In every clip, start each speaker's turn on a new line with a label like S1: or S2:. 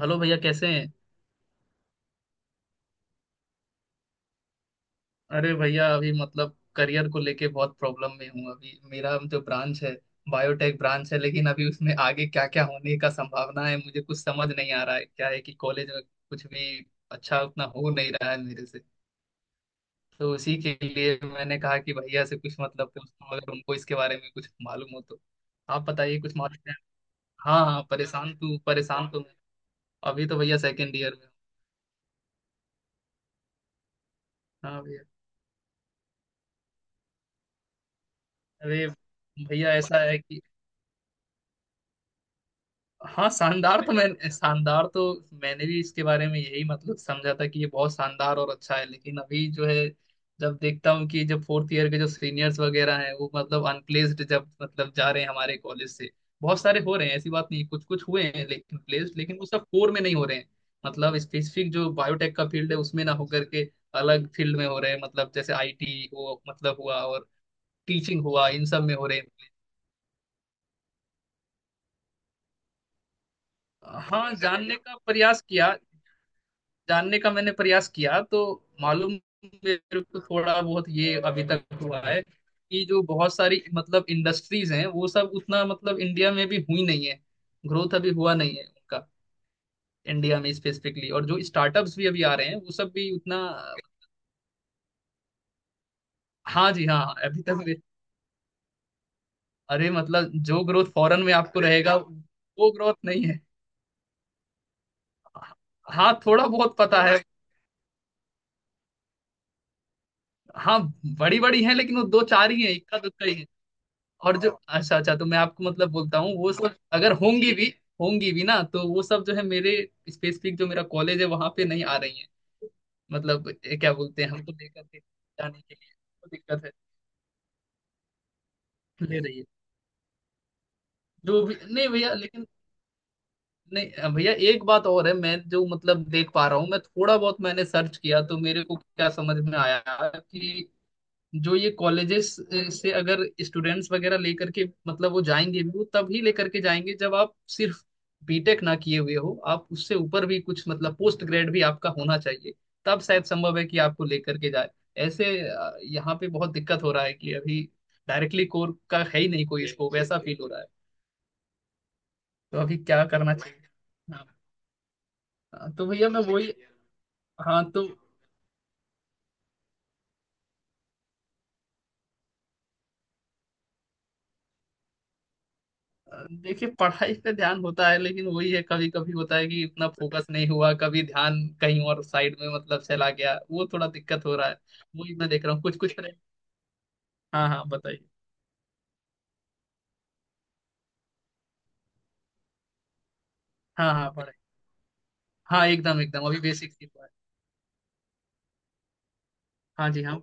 S1: Hello भैया, कैसे हैं। अरे भैया, अभी मतलब करियर को लेके बहुत प्रॉब्लम में हूँ। अभी मेरा जो ब्रांच है, बायोटेक ब्रांच है, लेकिन अभी उसमें आगे क्या क्या होने का संभावना है मुझे कुछ समझ नहीं आ रहा है। क्या है कि कॉलेज में कुछ भी अच्छा उतना हो नहीं रहा है मेरे से। तो उसी के लिए मैंने कहा कि भैया से कुछ मतलब पूछता हूँ अगर उनको इसके बारे में कुछ मालूम हो तो। आप बताइए, कुछ मालूम है? हाँ हाँ, परेशान तो मैं। अभी तो भैया सेकेंड ईयर में। हूँ, हाँ भैया। अरे। भैया ऐसा है कि हाँ, शानदार तो मैं, शानदार तो मैंने भी इसके बारे में यही मतलब समझा था कि ये बहुत शानदार और अच्छा है, लेकिन अभी जो है, जब देखता हूँ कि जब फोर्थ ईयर के जो सीनियर्स वगैरह हैं वो मतलब अनप्लेस्ड जब मतलब जा रहे हैं हमारे कॉलेज से। बहुत सारे हो रहे हैं, ऐसी बात नहीं, कुछ कुछ हुए हैं लेकिन प्लेस्ड, लेकिन वो सब कोर में नहीं हो रहे हैं। मतलब स्पेसिफिक जो बायोटेक का फील्ड है उसमें ना होकर के अलग फील्ड में हो रहे हैं। मतलब जैसे आईटी हो मतलब हुआ, और टीचिंग हुआ, इन सब में हो रहे हैं। हाँ, जानने का प्रयास किया। जानने का मैंने प्रयास किया तो मालूम, मेरे को थोड़ा बहुत ये अभी तक हुआ है कि जो बहुत सारी मतलब इंडस्ट्रीज हैं वो सब उतना मतलब इंडिया में भी हुई नहीं है। ग्रोथ अभी हुआ नहीं है उनका इंडिया में स्पेसिफिकली। और जो स्टार्टअप्स भी अभी आ रहे हैं वो सब भी उतना। हाँ जी, हाँ हाँ, अभी तक भी। अरे मतलब जो ग्रोथ फॉरेन में आपको रहेगा वो ग्रोथ नहीं है। हाँ थोड़ा बहुत पता है। हाँ। बड़ी बड़ी है लेकिन वो दो चार ही है, इक्का दुक्का ही है। और जो अच्छा अच्छा तो मैं आपको मतलब बोलता हूँ वो सब अगर होंगी भी, होंगी भी ना तो वो सब जो है मेरे स्पेसिफिक जो मेरा कॉलेज है वहां पे नहीं आ रही है। मतलब ये क्या बोलते हैं, हमको लेकर के जाने के लिए तो दिक्कत है। ले रही है, जो भी नहीं भैया, लेकिन नहीं भैया, एक बात और है। मैं जो मतलब देख पा रहा हूँ, मैं थोड़ा बहुत मैंने सर्च किया तो मेरे को क्या समझ में आया, कि जो ये कॉलेजेस से अगर स्टूडेंट्स वगैरह लेकर के मतलब वो जाएंगे भी, वो तभी लेकर के जाएंगे जब आप सिर्फ बीटेक ना किए हुए हो, आप उससे ऊपर भी कुछ मतलब पोस्ट ग्रेड भी आपका होना चाहिए। तब शायद संभव है कि आपको लेकर के जाए। ऐसे यहाँ पे बहुत दिक्कत हो रहा है कि अभी डायरेक्टली कोर का है ही नहीं कोई स्कोप, ऐसा फील हो रहा है। तो अभी क्या करना चाहिए। हाँ, तो भैया मैं वही, हाँ तो देखिए पढ़ाई पे ध्यान होता है लेकिन वही है, कभी कभी होता है कि इतना फोकस नहीं हुआ, कभी ध्यान कहीं और साइड में मतलब चला गया, वो थोड़ा दिक्कत हो रहा है। वही मैं देख रहा हूँ, कुछ कुछ तरह। हाँ हाँ, बताइए। हाँ हाँ, पढ़ाई। हाँ, एकदम एकदम अभी बेसिक सीख रहा है। हाँ जी, हाँ।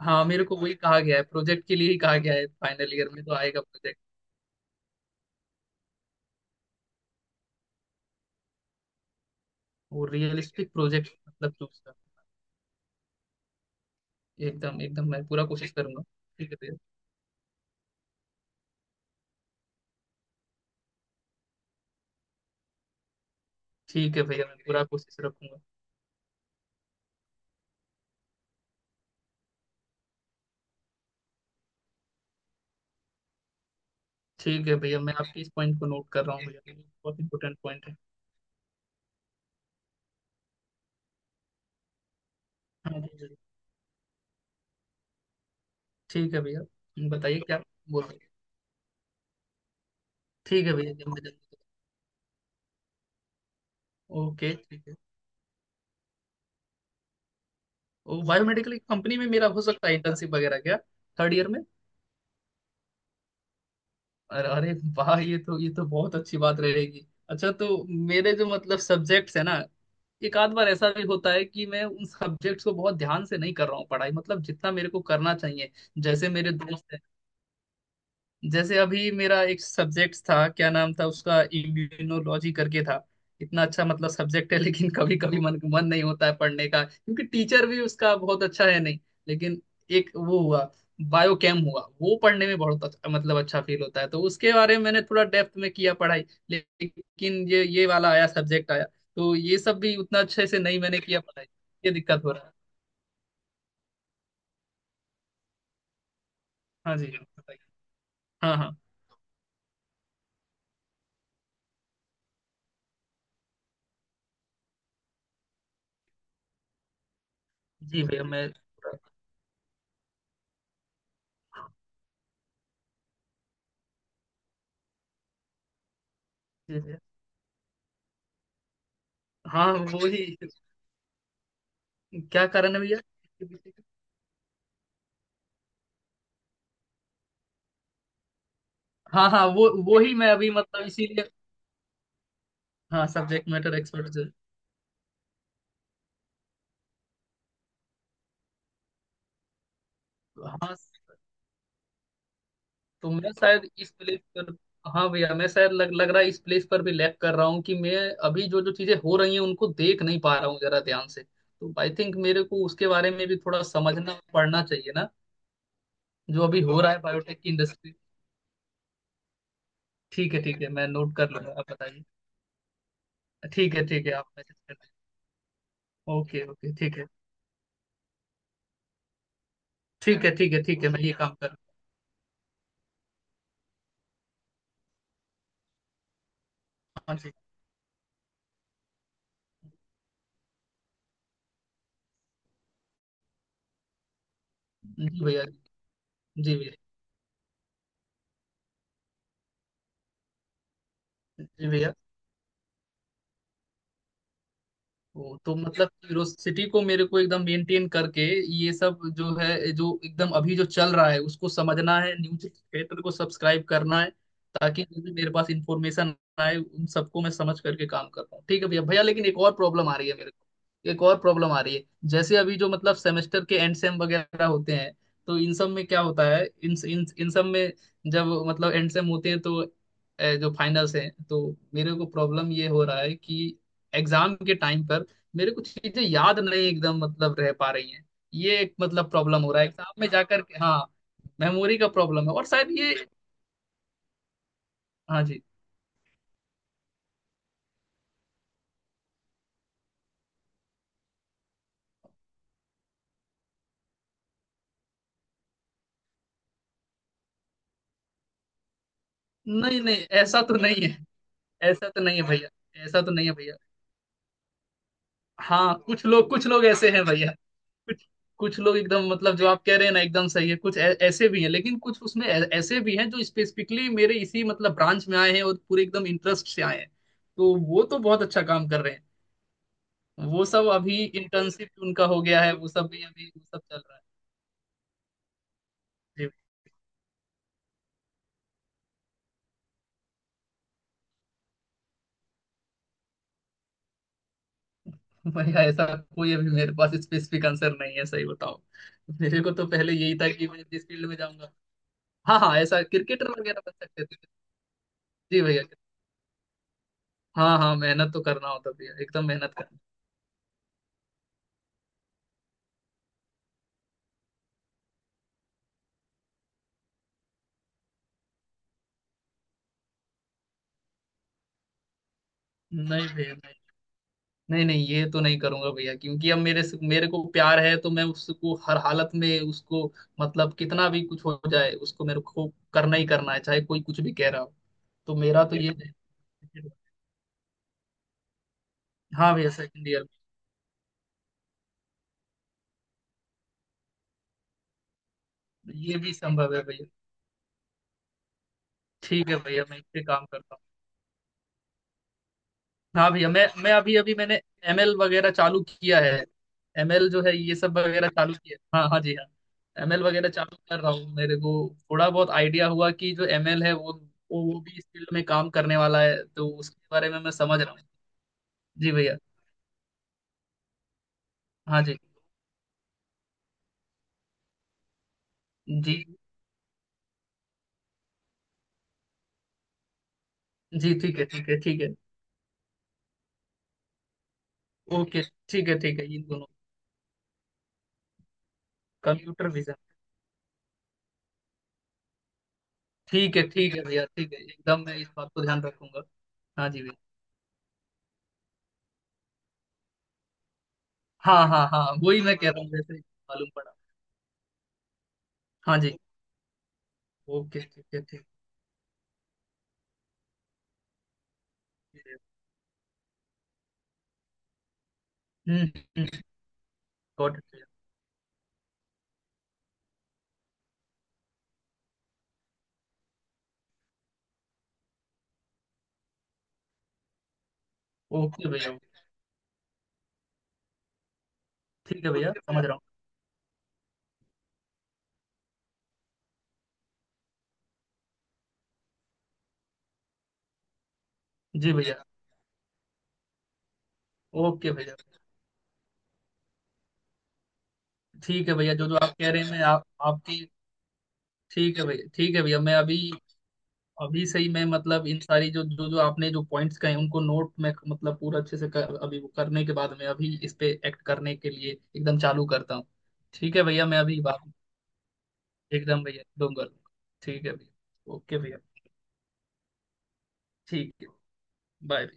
S1: हाँ, मेरे को वही कहा गया है, प्रोजेक्ट के लिए ही कहा गया है, फाइनल ईयर में तो आएगा प्रोजेक्ट। वो रियलिस्टिक प्रोजेक्ट मतलब चूज कर। एकदम एकदम मैं पूरा कोशिश करूंगा। ठीक है भैया। ठीक है भैया, मैं पूरा कोशिश रखूंगा। ठीक है भैया, मैं आपके इस पॉइंट को नोट कर रहा हूँ भैया। बहुत इंपॉर्टेंट पॉइंट है। हाँ जी जी। ठीक है भैया, बताइए क्या बोल रहे हैं। ठीक है भैया, जल्दी जल्दी। ओके ठीक है। वो बायोमेडिकल कंपनी में मेरा हो सकता है इंटर्नशिप वगैरह क्या थर्ड ईयर में? अरे अरे वाह, ये तो बहुत अच्छी बात रहेगी। अच्छा, तो मेरे जो मतलब सब्जेक्ट्स है ना, एक आध बार ऐसा भी होता है कि मैं उन सब्जेक्ट्स को बहुत ध्यान से नहीं कर रहा हूँ पढ़ाई, मतलब जितना मेरे को करना चाहिए। जैसे मेरे दोस्त, जैसे अभी मेरा एक सब्जेक्ट था, क्या नाम था उसका, इम्यूनोलॉजी करके था। इतना अच्छा मतलब सब्जेक्ट है लेकिन कभी कभी मन मन नहीं होता है पढ़ने का, क्योंकि टीचर भी उसका बहुत अच्छा है नहीं। लेकिन एक वो हुआ, बायोकेम हुआ, वो पढ़ने में बहुत अच्छा, मतलब अच्छा फील होता है, तो उसके बारे में मैंने थोड़ा डेप्थ में किया पढ़ाई, लेकिन ये वाला आया सब्जेक्ट आया तो ये सब भी उतना अच्छे से नहीं मैंने किया पढ़ाई। ये दिक्कत हो रहा है। हाँ जी, बताइए। हाँ हाँ। जी भैया मैं, जी भैया। हाँ वही। क्या कारण है भैया? हाँ हाँ, वो ही मैं अभी मतलब इसीलिए। हाँ, सब्जेक्ट मैटर एक्सपर्ट से। हाँ, तो मैं शायद इस प्लेस पर, हाँ भैया मैं शायद लग लग रहा है इस प्लेस पर भी लैक कर रहा हूँ, कि मैं अभी जो जो चीजें हो रही हैं उनको देख नहीं पा रहा हूँ जरा ध्यान से। तो आई थिंक मेरे को उसके बारे में भी थोड़ा समझना पड़ना चाहिए ना, जो अभी हो रहा है बायोटेक की इंडस्ट्री। ठीक है ठीक है, मैं नोट कर लूंगा, आप बताइए। ठीक है ठीक है, आप मैसेज कर दें। ओके ओके, ठीक है। ठीक है ठीक है ठीक है, मैं ये काम कर रहा हूँ। हाँ जी। जी भैया। जी भैया। जी भैया। वो तो मतलब क्यूरोसिटी को मेरे को एकदम मेंटेन करके ये सब जो है, जो एकदम अभी जो चल रहा है उसको समझना है, न्यूज थिएटर को सब्सक्राइब करना है, ताकि जो भी मेरे पास इंफॉर्मेशन आए उन सबको मैं समझ करके काम कर पाऊँ। ठीक है भैया, भैया लेकिन एक और प्रॉब्लम आ रही है मेरे को, एक और प्रॉब्लम आ रही है। जैसे अभी जो मतलब सेमेस्टर के एंड सेम वगैरह होते हैं, तो इन सब में क्या होता है, इन इन इन सब में जब मतलब एंड सेम होते हैं, तो जो फाइनल्स हैं तो मेरे को प्रॉब्लम ये हो रहा है कि एग्जाम के टाइम पर मेरे को चीजें याद नहीं एकदम मतलब रह पा रही हैं। ये एक मतलब प्रॉब्लम हो रहा है एग्जाम में जाकर के, हाँ। मेमोरी का प्रॉब्लम है और शायद ये, हाँ जी। नहीं नहीं, ऐसा तो नहीं है। ऐसा तो नहीं है भैया। ऐसा तो नहीं है भैया। हाँ, कुछ लोग ऐसे हैं भैया, कुछ। कुछ लोग एकदम मतलब जो आप कह रहे हैं ना एकदम सही है, कुछ ऐसे भी हैं लेकिन कुछ उसमें ऐसे भी हैं जो स्पेसिफिकली मेरे इसी मतलब ब्रांच में आए हैं और पूरे एकदम इंटरेस्ट से आए हैं। तो वो तो बहुत अच्छा काम कर रहे हैं। वो सब अभी इंटर्नशिप उनका हो गया है, वो सब भी अभी वो सब चल रहा है। जी, भैया ऐसा कोई अभी मेरे पास स्पेसिफिक आंसर नहीं है, सही बताओ। मेरे को तो पहले यही था कि मैं जिस फील्ड में जाऊंगा। हाँ हाँ, ऐसा क्रिकेटर वगैरह बन सकते थे। जी भैया। हाँ हाँ, मेहनत तो करना होता भैया, एकदम मेहनत करना। नहीं भैया, नहीं। नहीं नहीं, ये तो नहीं करूंगा भैया, क्योंकि अब मेरे को प्यार है, तो मैं उसको हर हालत में उसको, मतलब कितना भी कुछ हो जाए उसको मेरे को करना ही करना है, चाहे कोई कुछ भी कह रहा हो। तो मेरा तो ये है। हाँ भैया, सेकंड ईयर में। ये भी संभव है भैया। ठीक है भैया, मैं इस पे काम करता हूँ। हाँ भैया, मैं अभी अभी मैंने एमएल वगैरह चालू किया है। एमएल जो है ये सब वगैरह चालू किया है। हाँ हाँ जी हाँ। एमएल वगैरह चालू कर रहा हूँ, मेरे को थोड़ा बहुत आइडिया हुआ कि जो एमएल है वो, वो भी इस फील्ड में काम करने वाला है, तो उसके बारे में मैं समझ रहा हूँ। जी भैया। हाँ जी। जी। जी, ठीक है ठीक है ठीक है। ओके ठीक है ठीक है, इन दोनों। Computer vision. ठीक है भैया, ठीक है एकदम मैं इस बात को ध्यान रखूंगा। हाँ जी भैया। हाँ हाँ हाँ, वही मैं कह रहा हूँ, जैसे मालूम पड़ा। हाँ जी। ओके ठीक है, ठीक। है हम्म। गॉट इट भैया। ओके भैया, okay, ठीक है भैया, समझ रहा हूँ। जी भैया। ओके भैया। ठीक है भैया, जो जो आप कह रहे हैं, मैं आप आपकी ठीक है भैया। ठीक है भैया, मैं अभी, अभी से ही मैं मतलब इन सारी जो जो जो आपने जो पॉइंट्स कहे उनको नोट में मतलब पूरा अच्छे से कर, अभी वो करने के बाद मैं अभी इस पे एक्ट करने के लिए एकदम चालू करता हूँ। ठीक है भैया, मैं अभी बात एकदम भैया दूंगा। ठीक है भैया, ओके भैया। ठीक है। बाय।